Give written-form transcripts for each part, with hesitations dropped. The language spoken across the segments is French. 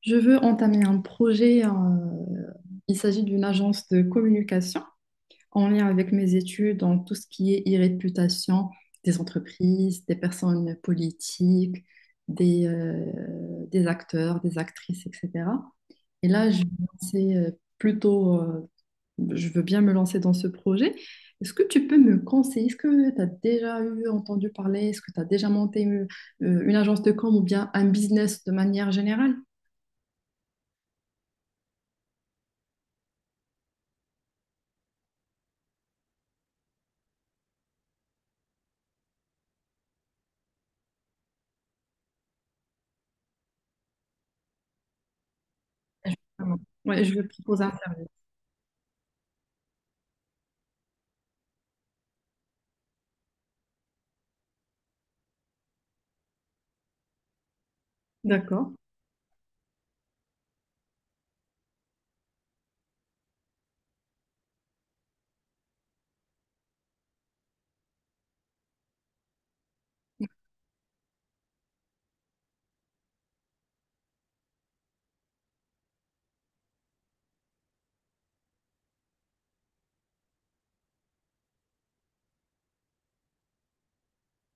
Je veux entamer un projet. Il s'agit d'une agence de communication en lien avec mes études dans tout ce qui est e-réputation des entreprises, des personnes politiques, des, euh, des acteurs, des actrices, etc. Et là, je vais lancer, plutôt, je veux bien me lancer dans ce projet. Est-ce que tu peux me conseiller? Est-ce que tu as déjà eu entendu parler? Est-ce que tu as déjà monté une agence de com ou bien un business de manière générale? Exactement. Ouais, je vais proposer un service. D'accord.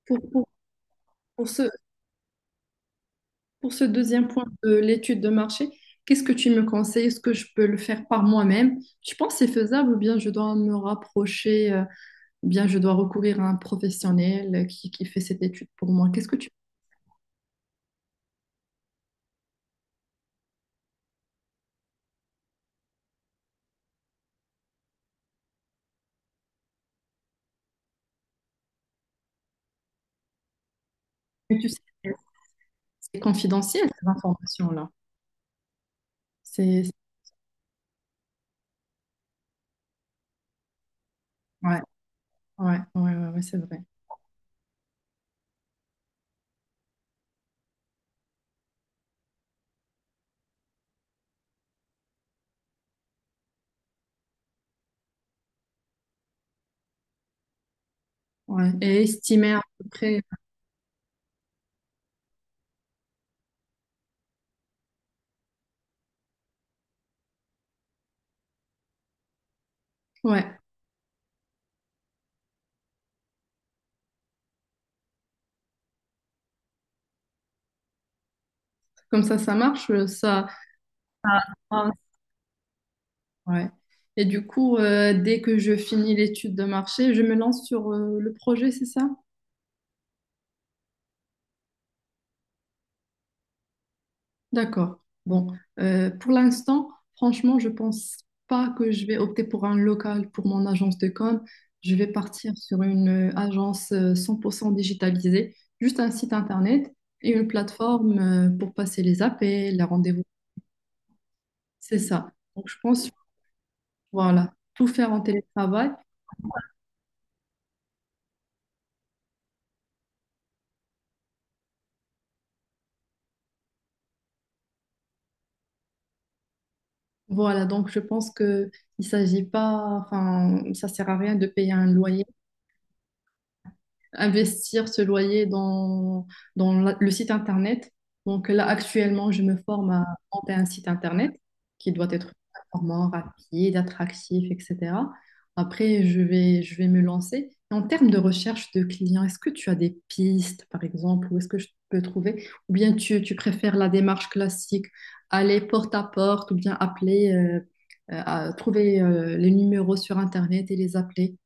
Pour, pour, pour ce, pour ce deuxième point de l'étude de marché, qu'est-ce que tu me conseilles? Est-ce que je peux le faire par moi-même? Tu penses que c'est faisable ou bien je dois me rapprocher, ou bien je dois recourir à un professionnel qui fait cette étude pour moi? Qu'est-ce que tu, mais tu sais, c'est confidentiel, ces informations-là. C'est, ouais, ouais, ouais, c'est vrai. Ouais. Et estimer à peu près, ouais, comme ça marche, ça- Ouais. Et du coup, dès que je finis l'étude de marché, je me lance sur le projet, c'est ça? D'accord. Bon, pour l'instant, franchement, je pense pas que je vais opter pour un local pour mon agence de com. Je vais partir sur une agence 100% digitalisée, juste un site internet et une plateforme pour passer les appels, les rendez-vous. C'est ça. Donc, je pense, voilà, tout faire en télétravail. Voilà, donc je pense que il s'agit pas, enfin, ça sert à rien de payer un loyer, investir ce loyer dans, le site internet. Donc là, actuellement, je me forme à monter un site internet qui doit être performant, rapide, attractif, etc. Après, je vais me lancer. En termes de recherche de clients, est-ce que tu as des pistes, par exemple, où est-ce que je peux trouver? Ou bien tu préfères la démarche classique, aller porte à porte, ou bien appeler, trouver les numéros sur Internet et les appeler?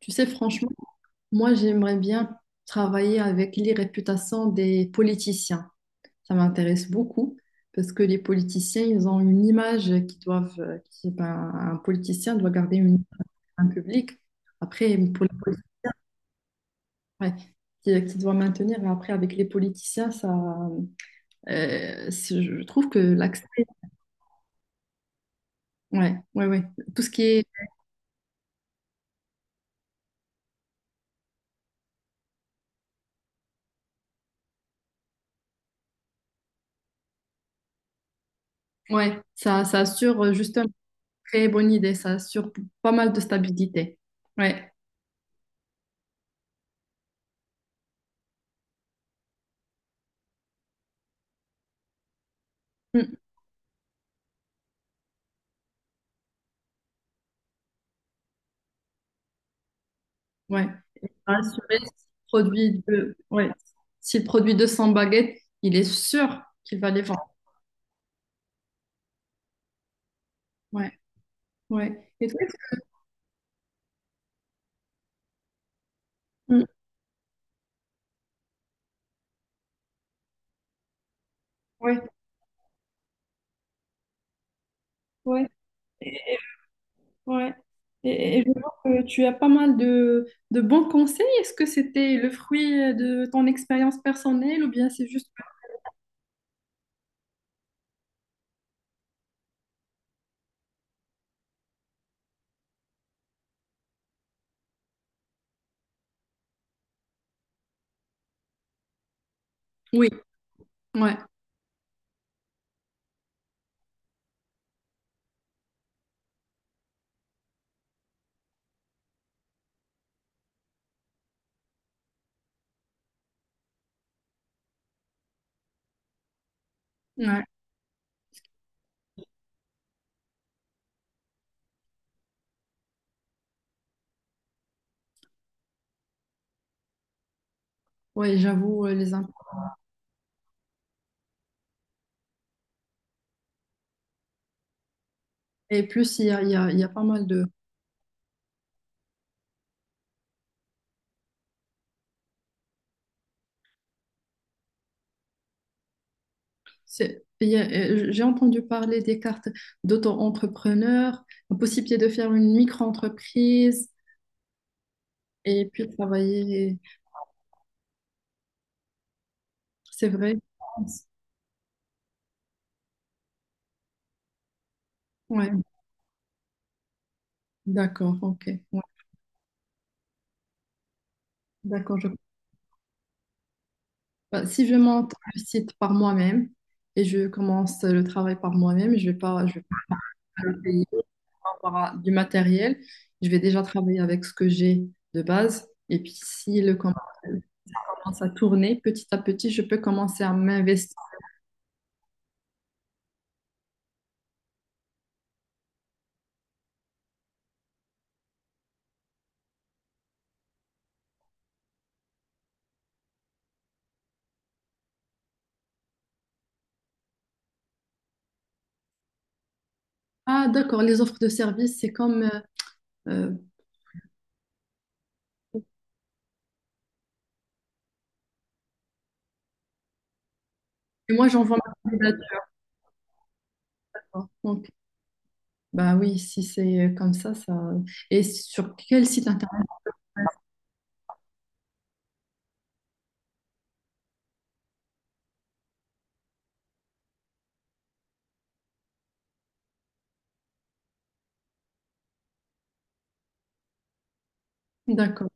Tu sais, franchement, moi, j'aimerais bien travailler avec les réputations des politiciens. Ça m'intéresse beaucoup parce que les politiciens, ils ont une image qui doivent, ben, un politicien doit garder une image, un public. Après, pour la politique, ouais, qui doit maintenir. Et après, avec les politiciens, je trouve que l'accès, ouais, ouais, ouais, tout ce qui est, ouais, ça assure juste une très bonne idée. Ça assure pas mal de stabilité. Ouais. Mm. Ouais. Rassurer, ouais, s'il produit 200 baguettes, il est sûr qu'il va les vendre. Ouais, ouais. Et toi, mm, ouais, ouais, ouais. Et je vois que tu as pas mal de bons conseils. Est-ce que c'était le fruit de ton expérience personnelle ou bien c'est juste... Oui, ouais, ouais, ouais, j'avoue, les impôts. Et plus, il y a pas mal de. J'ai entendu parler des cartes d'auto-entrepreneur, la possibilité de faire une micro-entreprise, et puis travailler. C'est vrai? Ouais, d'accord, ok. Ouais, d'accord, je... Bah, si je monte le site par moi-même et je commence le travail par moi-même, je vais pas le payer par rapport à du matériel. Je vais déjà travailler avec ce que j'ai de base. Et puis si le com- commence à tourner petit à petit, je peux commencer à m'investir. Ah, d'accord, les offres de services, c'est comme euh, et moi j'envoie ma candidature. Donc, bah oui, si c'est comme ça, ça. Et sur quel site internet? D'accord,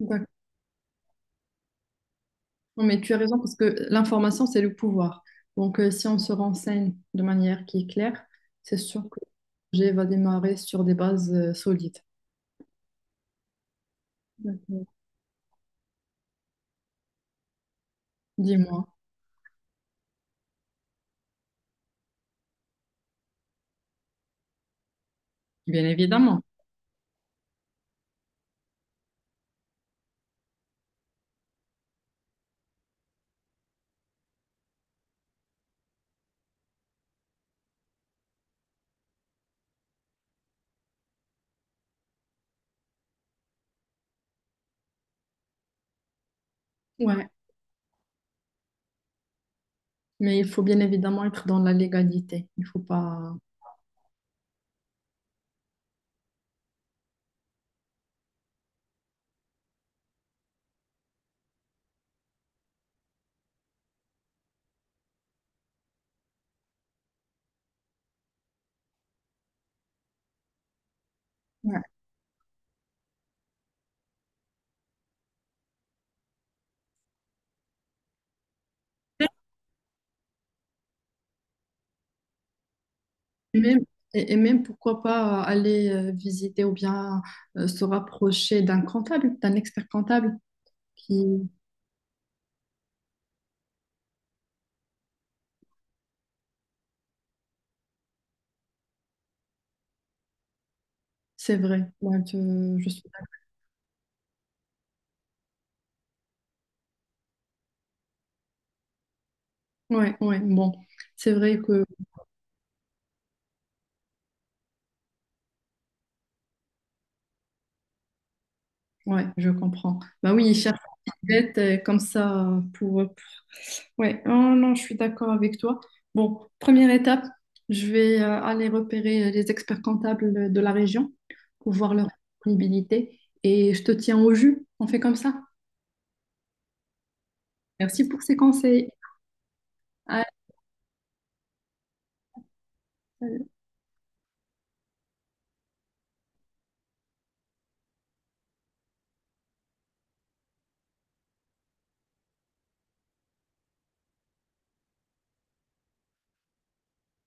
d'accord. Non, mais tu as raison parce que l'information, c'est le pouvoir. Donc, si on se renseigne de manière qui est claire, c'est sûr que le projet va démarrer sur des bases solides. D'accord. Dis-moi. Bien évidemment. Ouais. Mais il faut bien évidemment être dans la légalité. Il faut pas. Ouais. Et même, et même, pourquoi pas aller visiter ou bien se rapprocher d'un comptable, d'un expert comptable qui, c'est vrai, ouais, je suis. Ouais, ouais, bon, c'est vrai que. Ouais, je comprends. Bah oui, ils cherchent des dettes comme ça Ouais, oh non, je suis d'accord avec toi. Bon, première étape, je vais aller repérer les experts comptables de la région pour voir leur disponibilité et je te tiens au jus. On fait comme ça. Merci pour ces conseils. À-